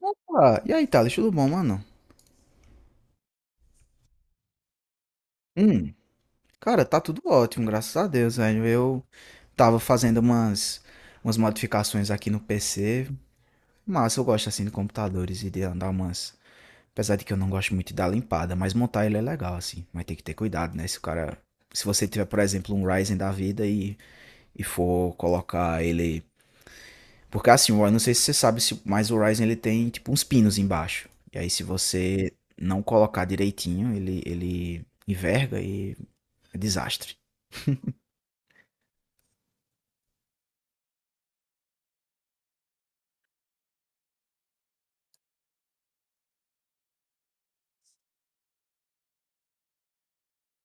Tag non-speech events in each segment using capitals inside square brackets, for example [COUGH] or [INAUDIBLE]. Opa! E aí, Thales, tudo bom, mano? Hum, cara, tá tudo ótimo, graças a Deus, velho. Eu tava fazendo umas modificações aqui no PC, mas eu gosto assim de computadores e de andar umas. Apesar de que eu não gosto muito de dar limpada, mas montar ele é legal, assim. Mas tem que ter cuidado, né? Se o cara. Se você tiver, por exemplo, um Ryzen da vida e for colocar ele. Porque assim, eu não sei se você sabe, mas o Ryzen ele tem tipo uns pinos embaixo. E aí, se você não colocar direitinho, ele enverga e é desastre.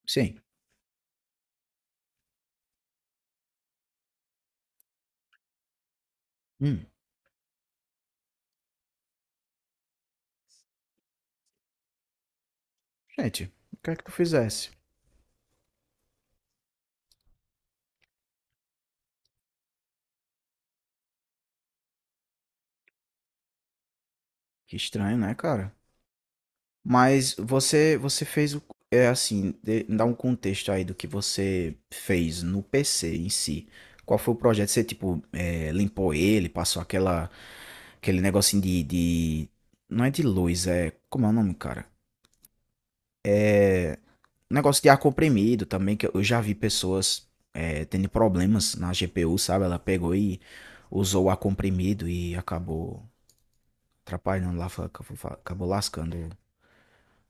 Sim. Hum. Gente, o que é que tu fizesse? Que estranho, né, cara? Mas você fez o é assim, dá um contexto aí do que você fez no PC em si. Qual foi o projeto? Você, tipo, limpou ele, passou aquele negocinho de. Não é de luz, é. Como é o nome, cara? É. Negócio de ar comprimido também, que eu já vi pessoas tendo problemas na GPU, sabe? Ela pegou e usou o ar comprimido e acabou atrapalham lá, acabou lascando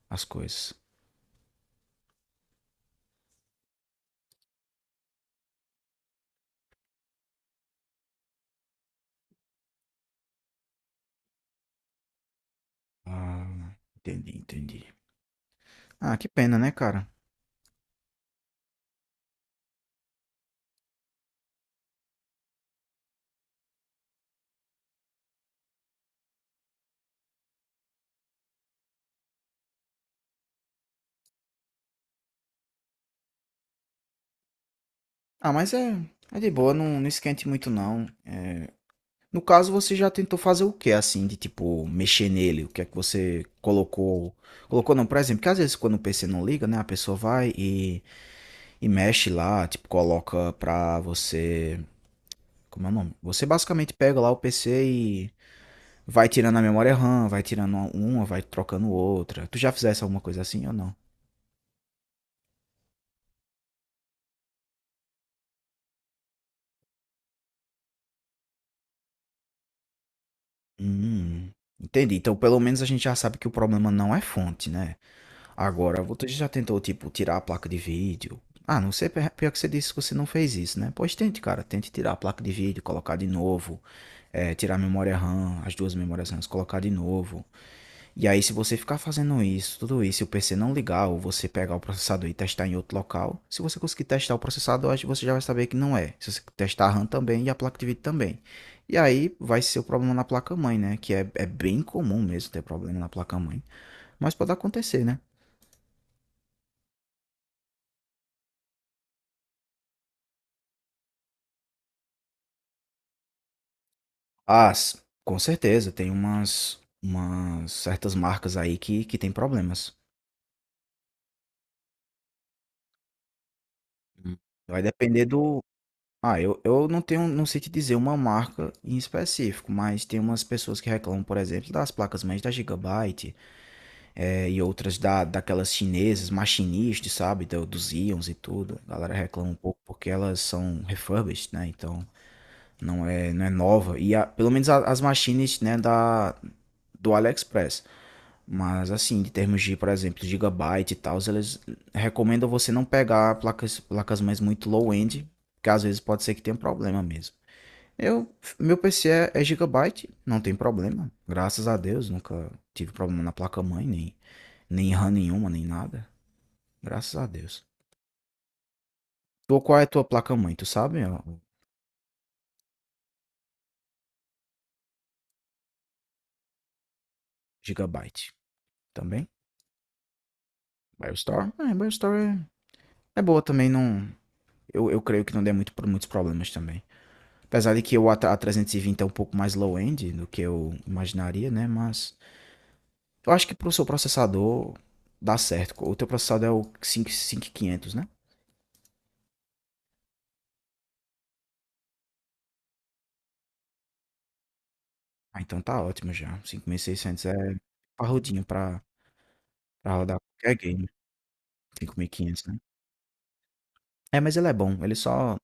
as coisas. Ah, entendi, entendi. Ah, que pena, né, cara? Ah, mas é de boa, não, não esquente muito não. No caso, você já tentou fazer o que, assim, de tipo, mexer nele? O que é que você colocou? Colocou não, por exemplo, que às vezes quando o PC não liga, né, a pessoa vai e mexe lá, tipo, coloca pra você. Como é o nome? Você basicamente pega lá o PC e vai tirando a memória RAM, vai tirando uma, vai trocando outra. Tu já fizesse alguma coisa assim ou não? Hum, entendi. Então, pelo menos a gente já sabe que o problema não é fonte, né? Agora, você já tentou, tipo, tirar a placa de vídeo? Ah, não sei, pior que você disse que você não fez isso, né? Pois tente, cara. Tente tirar a placa de vídeo, colocar de novo. Tirar a memória RAM, as duas memórias RAM, colocar de novo. E aí, se você ficar fazendo isso, tudo isso, e o PC não ligar, ou você pegar o processador e testar em outro local, se você conseguir testar o processador, acho que você já vai saber que não é. Se você testar a RAM também e a placa de vídeo também. E aí vai ser o problema na placa-mãe, né? Que é bem comum mesmo ter problema na placa-mãe. Mas pode acontecer, né? Ah, com certeza, tem umas certas marcas aí que tem problemas. Hum. Vai depender do. Ah, eu não tenho, não sei te dizer uma marca em específico, mas tem umas pessoas que reclamam, por exemplo, das placas mães da Gigabyte, e outras daquelas chinesas, machinistas, sabe, dos íons e tudo. A galera reclama um pouco porque elas são refurbished, né? Então não é nova. E pelo menos as machines, né, da, do AliExpress. Mas assim, em termos de, por exemplo, Gigabyte e tal, eles recomendam você não pegar placas mães muito low-end, porque às vezes pode ser que tenha um problema mesmo. Eu, meu PC é Gigabyte, não tem problema. Graças a Deus, nunca tive problema na placa-mãe, nem RAM nenhuma, nem nada. Graças a Deus. Tu, qual é a tua placa-mãe? Tu sabe? Ó, o Gigabyte também? BioStore? É, BioStore é boa também, não. Eu creio que não dê muitos problemas também. Apesar de que o A320 é um pouco mais low-end do que eu imaginaria, né? Mas eu acho que pro seu processador dá certo. O teu processador é o 5- 5500, né? Ah, então tá ótimo já. 5.600 é parrudinho pra rodar qualquer game. 5.500, né? É, mas ele é bom. Ele só,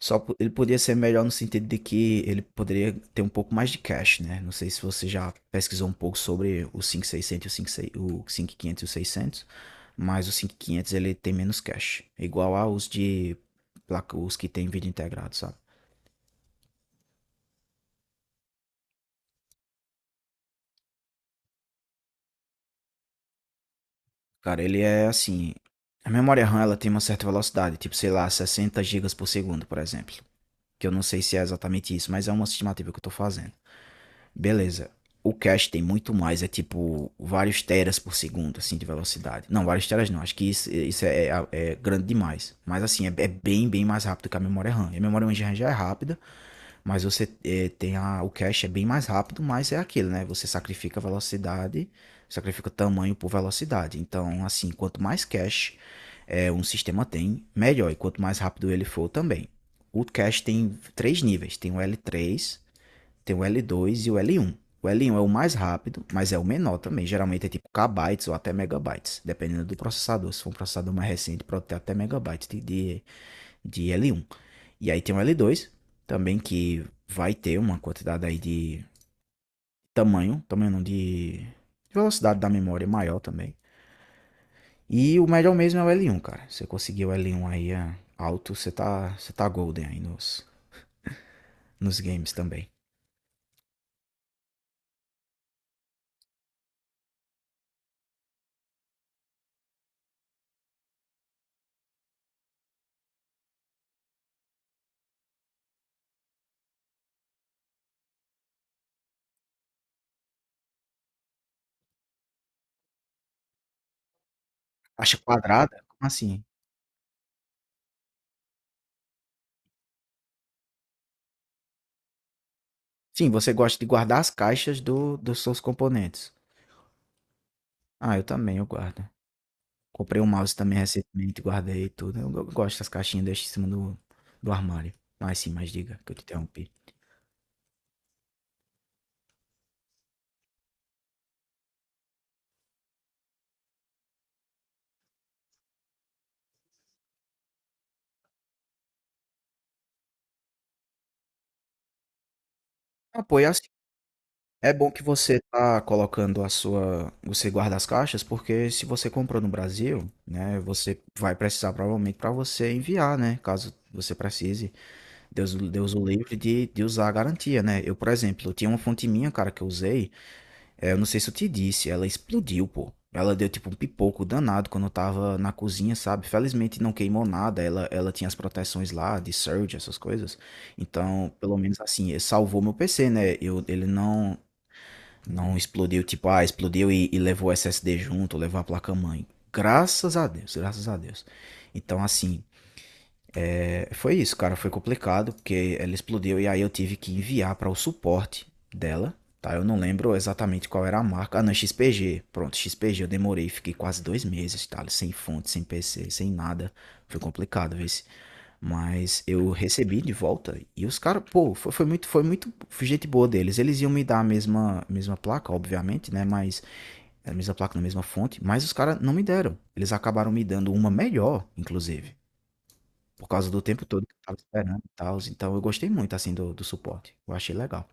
só. Ele poderia ser melhor no sentido de que ele poderia ter um pouco mais de cache, né? Não sei se você já pesquisou um pouco sobre o 5.600, o 5.600 o 5.500, e o 600. Mas o 5.500 ele tem menos cache. Igual aos de. Os que tem vídeo integrado, sabe? Cara, ele é assim. A memória RAM ela tem uma certa velocidade, tipo, sei lá, 60 gigas por segundo, por exemplo. Que eu não sei se é exatamente isso, mas é uma estimativa que eu tô fazendo. Beleza. O cache tem muito mais, é tipo vários teras por segundo, assim, de velocidade. Não, vários teras não, acho que isso é grande demais. Mas assim, é bem, bem mais rápido que a memória RAM. E a memória RAM já é rápida, mas você tem o cache é bem mais rápido, mas é aquilo, né? Você sacrifica velocidade, sacrifica tamanho por velocidade. Então, assim, quanto mais cache um sistema tem, melhor. E quanto mais rápido ele for também. O cache tem três níveis: tem o L3, tem o L2 e o L1. O L1 é o mais rápido, mas é o menor também. Geralmente é tipo kbytes ou até megabytes, dependendo do processador. Se for um processador mais recente, pode ter até megabytes de, de L1. E aí tem o L2 também que vai ter uma quantidade aí de tamanho, tamanho não, de velocidade da memória maior também. E o melhor mesmo é o L1, cara. Você conseguiu o L1 aí alto, você tá golden aí nos games também. Caixa quadrada? Como assim? Sim, você gosta de guardar as caixas dos seus componentes. Ah, eu também, eu guardo. Comprei um mouse também recentemente, guardei tudo. Eu gosto das caixinhas, deixo em cima do armário. Mas sim, mas diga que eu te interrompi. Ah, pô, e assim, é bom que você tá colocando a sua, você guarda as caixas, porque se você comprou no Brasil, né, você vai precisar provavelmente para você enviar, né, caso você precise, Deus o livre de usar a garantia, né? Eu, por exemplo, eu tinha uma fonte minha, cara, que eu usei, eu não sei se eu te disse, ela explodiu, pô. Ela deu tipo um pipoco danado quando eu tava na cozinha, sabe? Felizmente não queimou nada, ela tinha as proteções lá de surge, essas coisas. Então, pelo menos assim, salvou meu PC, né? Ele não explodiu, tipo, ah, explodiu e levou o SSD junto, levou a placa-mãe. Graças a Deus, graças a Deus. Então, assim, foi isso, cara, foi complicado, porque ela explodiu e aí eu tive que enviar para o suporte dela, tá? Eu não lembro exatamente qual era a marca. Ah, não, XPG. Pronto, XPG, eu demorei, fiquei quase 2 meses, tá? Sem fonte, sem PC, sem nada. Foi complicado, vê se. Mas eu recebi de volta e os caras, pô, foi muito gente boa deles. Eles iam me dar a mesma placa, obviamente, né? Mas a mesma placa na mesma fonte, mas os caras não me deram. Eles acabaram me dando uma melhor, inclusive. Por causa do tempo todo que eu estava esperando e tals, então eu gostei muito, assim, do suporte, eu achei legal.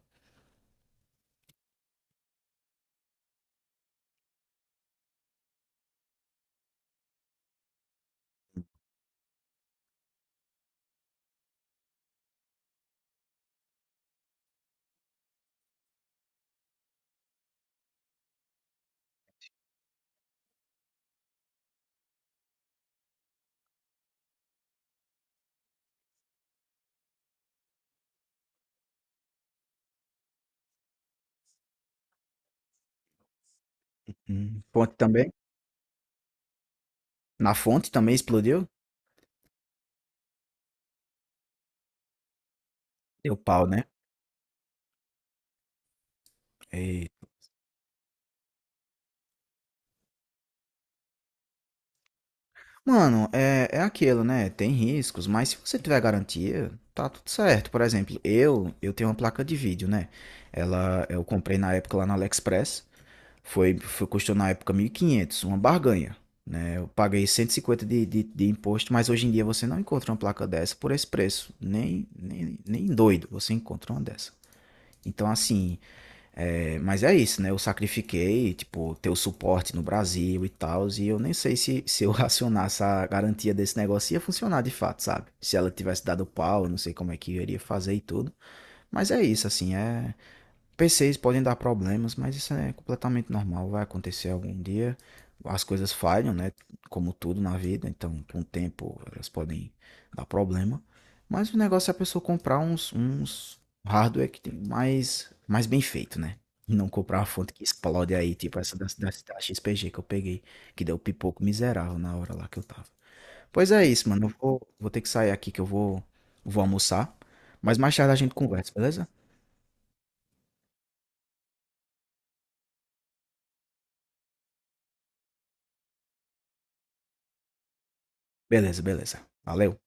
Fonte também? Na fonte também explodiu? Deu pau, né? Eita. Mano, é aquilo, né, tem riscos, mas se você tiver garantia, tá tudo certo. Por exemplo, eu tenho uma placa de vídeo, né, ela eu comprei na época lá no AliExpress. Foi, foi Custou na época 1.500, uma barganha, né? Eu paguei 150 de imposto, mas hoje em dia você não encontra uma placa dessa por esse preço. Nem doido você encontra uma dessa. Então, assim, mas é isso, né? Eu sacrifiquei, tipo, ter o suporte no Brasil e tal, e eu nem sei se, eu [LAUGHS] acionasse a garantia desse negócio ia funcionar de fato, sabe? Se ela tivesse dado pau, eu não sei como é que eu iria fazer e tudo. Mas é isso, assim, PCs podem dar problemas, mas isso é completamente normal, vai acontecer algum dia. As coisas falham, né? Como tudo na vida, então com o tempo elas podem dar problema. Mas o negócio é a pessoa comprar uns hardware que tem mais bem feito, né? E não comprar uma fonte que explode aí, tipo essa da XPG que eu peguei, que deu pipoco miserável na hora lá que eu tava. Pois é isso, mano. Eu vou ter que sair aqui que eu vou almoçar. Mas mais tarde a gente conversa, beleza? Beleza, beleza. Valeu.